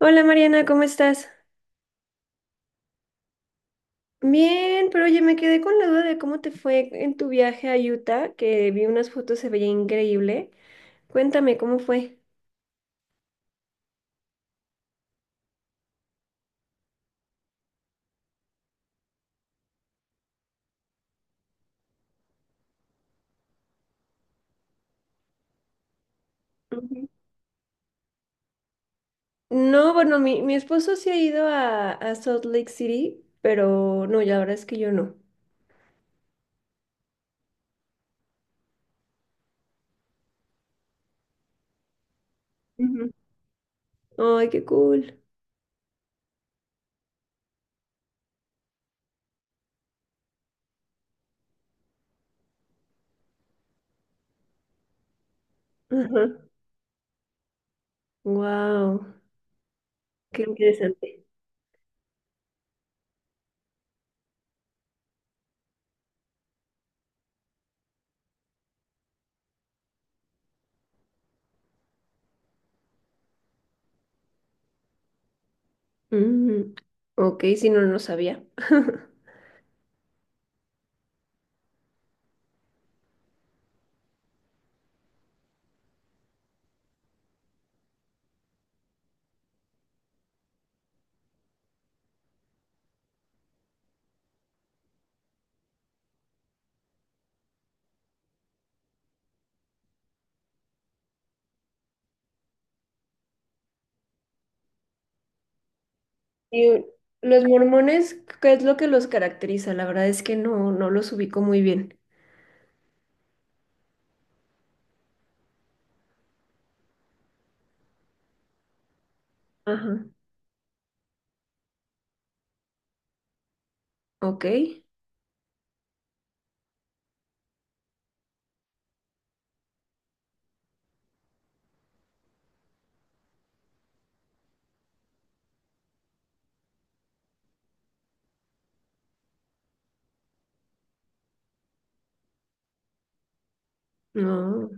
Hola Mariana, ¿cómo estás? Bien, pero oye, me quedé con la duda de cómo te fue en tu viaje a Utah, que vi unas fotos, se veía increíble. Cuéntame, ¿cómo fue? Ujú. No, bueno, mi esposo sí ha ido a Salt Lake City, pero no, ya la verdad es que yo no. Ujú. Ay, qué cool. Ajá. Wow, qué interesante. Ujú. Ok, si no, no sabía. Y los mormones, ¿qué es lo que los caracteriza? La verdad es que no, no los ubico muy bien. Ajá. Ok. No.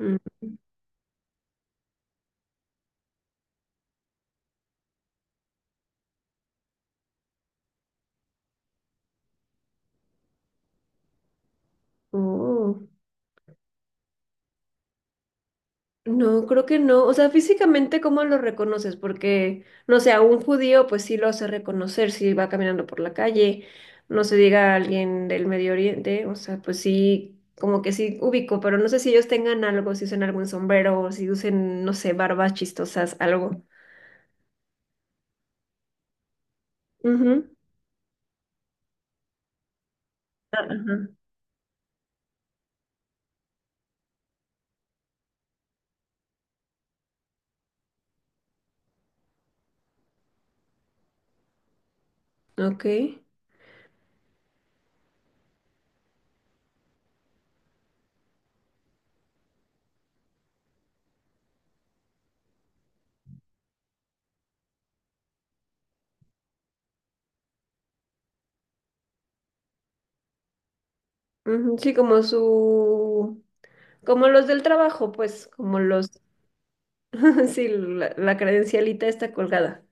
mm, Oh. No, creo que no. O sea, físicamente, ¿cómo lo reconoces? Porque, no sé, a un judío, pues sí lo hace reconocer si va caminando por la calle. No se diga a alguien del Medio Oriente. O sea, pues sí, como que sí ubico, pero no sé si ellos tengan algo, si usan algún sombrero o si usen, no sé, barbas chistosas, algo. Ujú. Ajá. Ok. Ujú. Sí, como su, como los del trabajo, pues, como los… Sí, la credencialita está colgada.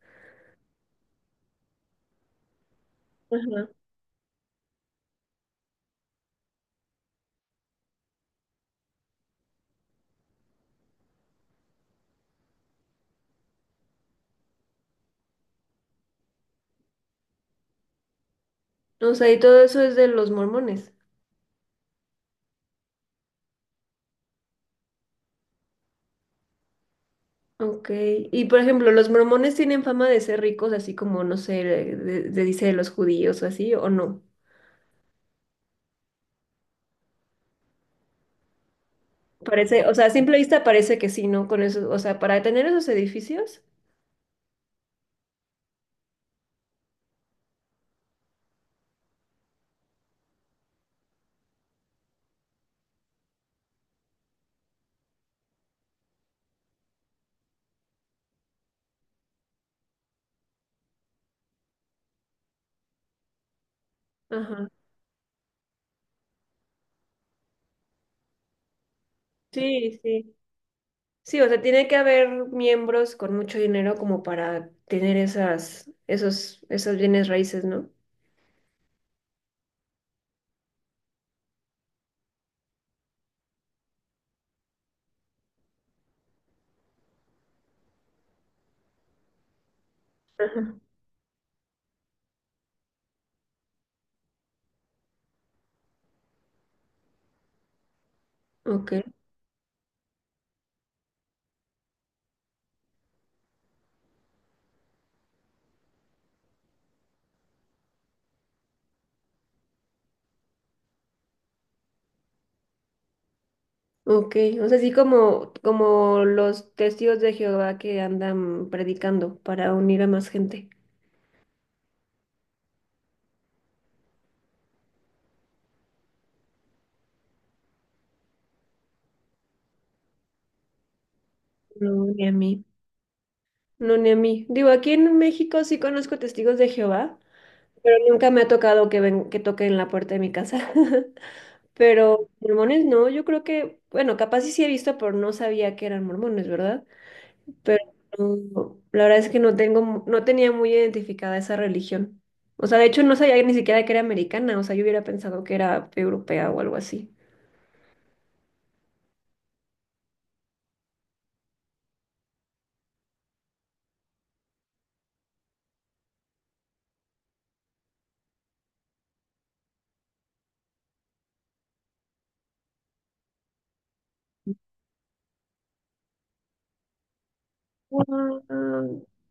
Ajá. O sea, ¿y todo eso es de los mormones? Ok. Y por ejemplo, los mormones tienen fama de ser ricos, así como, no sé, de, dice de los judíos o así, o no. Parece, o sea, a simple vista parece que sí, ¿no? Con eso, o sea, para tener esos edificios. Ajá. Sí, sí. Sí, o sea, tiene que haber miembros con mucho dinero como para tener esas, esos, esos bienes raíces, ¿no? Ajá. Ok. Ok, o sea, así como, como los testigos de Jehová que andan predicando para unir a más gente. No, ni a mí. No, ni a mí. Digo, aquí en México sí conozco testigos de Jehová, pero nunca me ha tocado que ven, que toquen la puerta de mi casa. Pero mormones no, yo creo que, bueno, capaz sí, sí he visto, pero no sabía que eran mormones, ¿verdad? Pero la verdad es que no tengo, no tenía muy identificada esa religión. O sea, de hecho no sabía ni siquiera que era americana, o sea, yo hubiera pensado que era europea o algo así. Guau,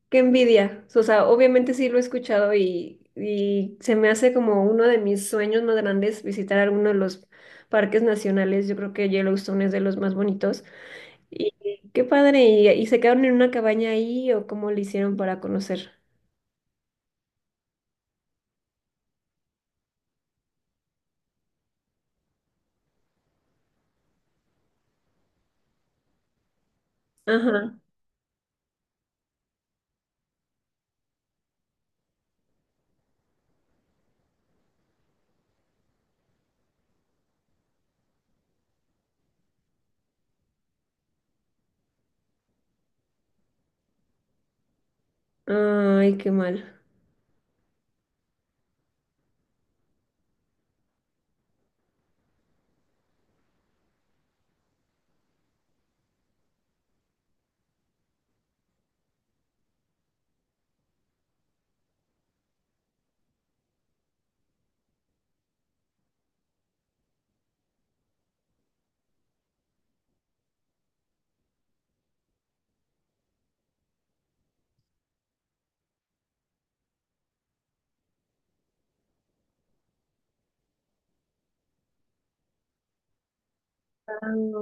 qué envidia. O sea, obviamente sí lo he escuchado y se me hace como uno de mis sueños más grandes visitar alguno de los parques nacionales. Yo creo que Yellowstone es de los más bonitos. Y qué padre. Y se quedaron en una cabaña ahí o cómo le hicieron para conocer? Ajá. Ay, qué mal.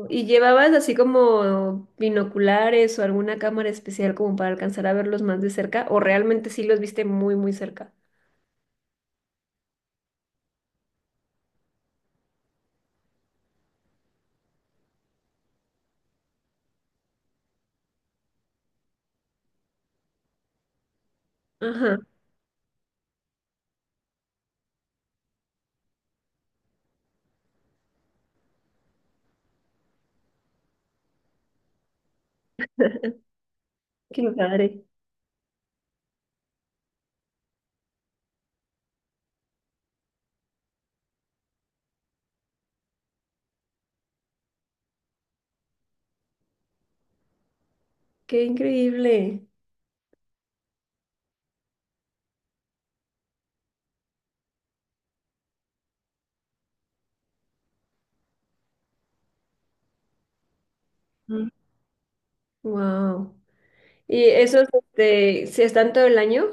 ¿Y llevabas así como binoculares o alguna cámara especial como para alcanzar a verlos más de cerca? ¿O realmente sí los viste muy, muy cerca? Ajá, qué padre, qué increíble. Mm. Wow. ¿Y esos este, se están todo el año?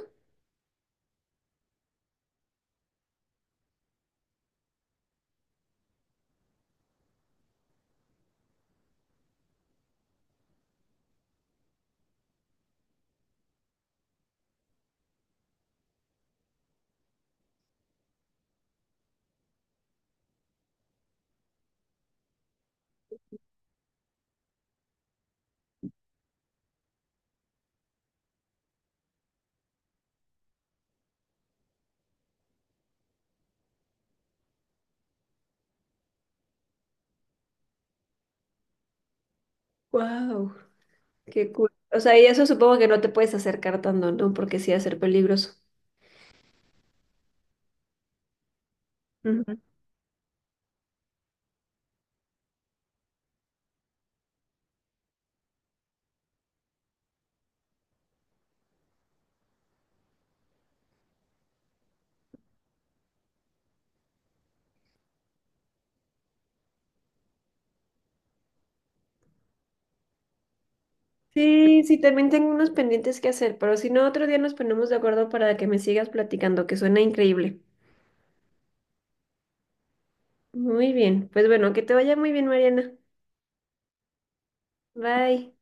Wow, qué cool. O sea, y eso supongo que no te puedes acercar tanto, ¿no? Porque sí va a ser peligroso. Ujú. Sí, sí, también tengo unos pendientes que hacer, pero si no, otro día nos ponemos de acuerdo para que me sigas platicando, que suena increíble. Muy bien, pues bueno, que te vaya muy bien, Mariana. Bye.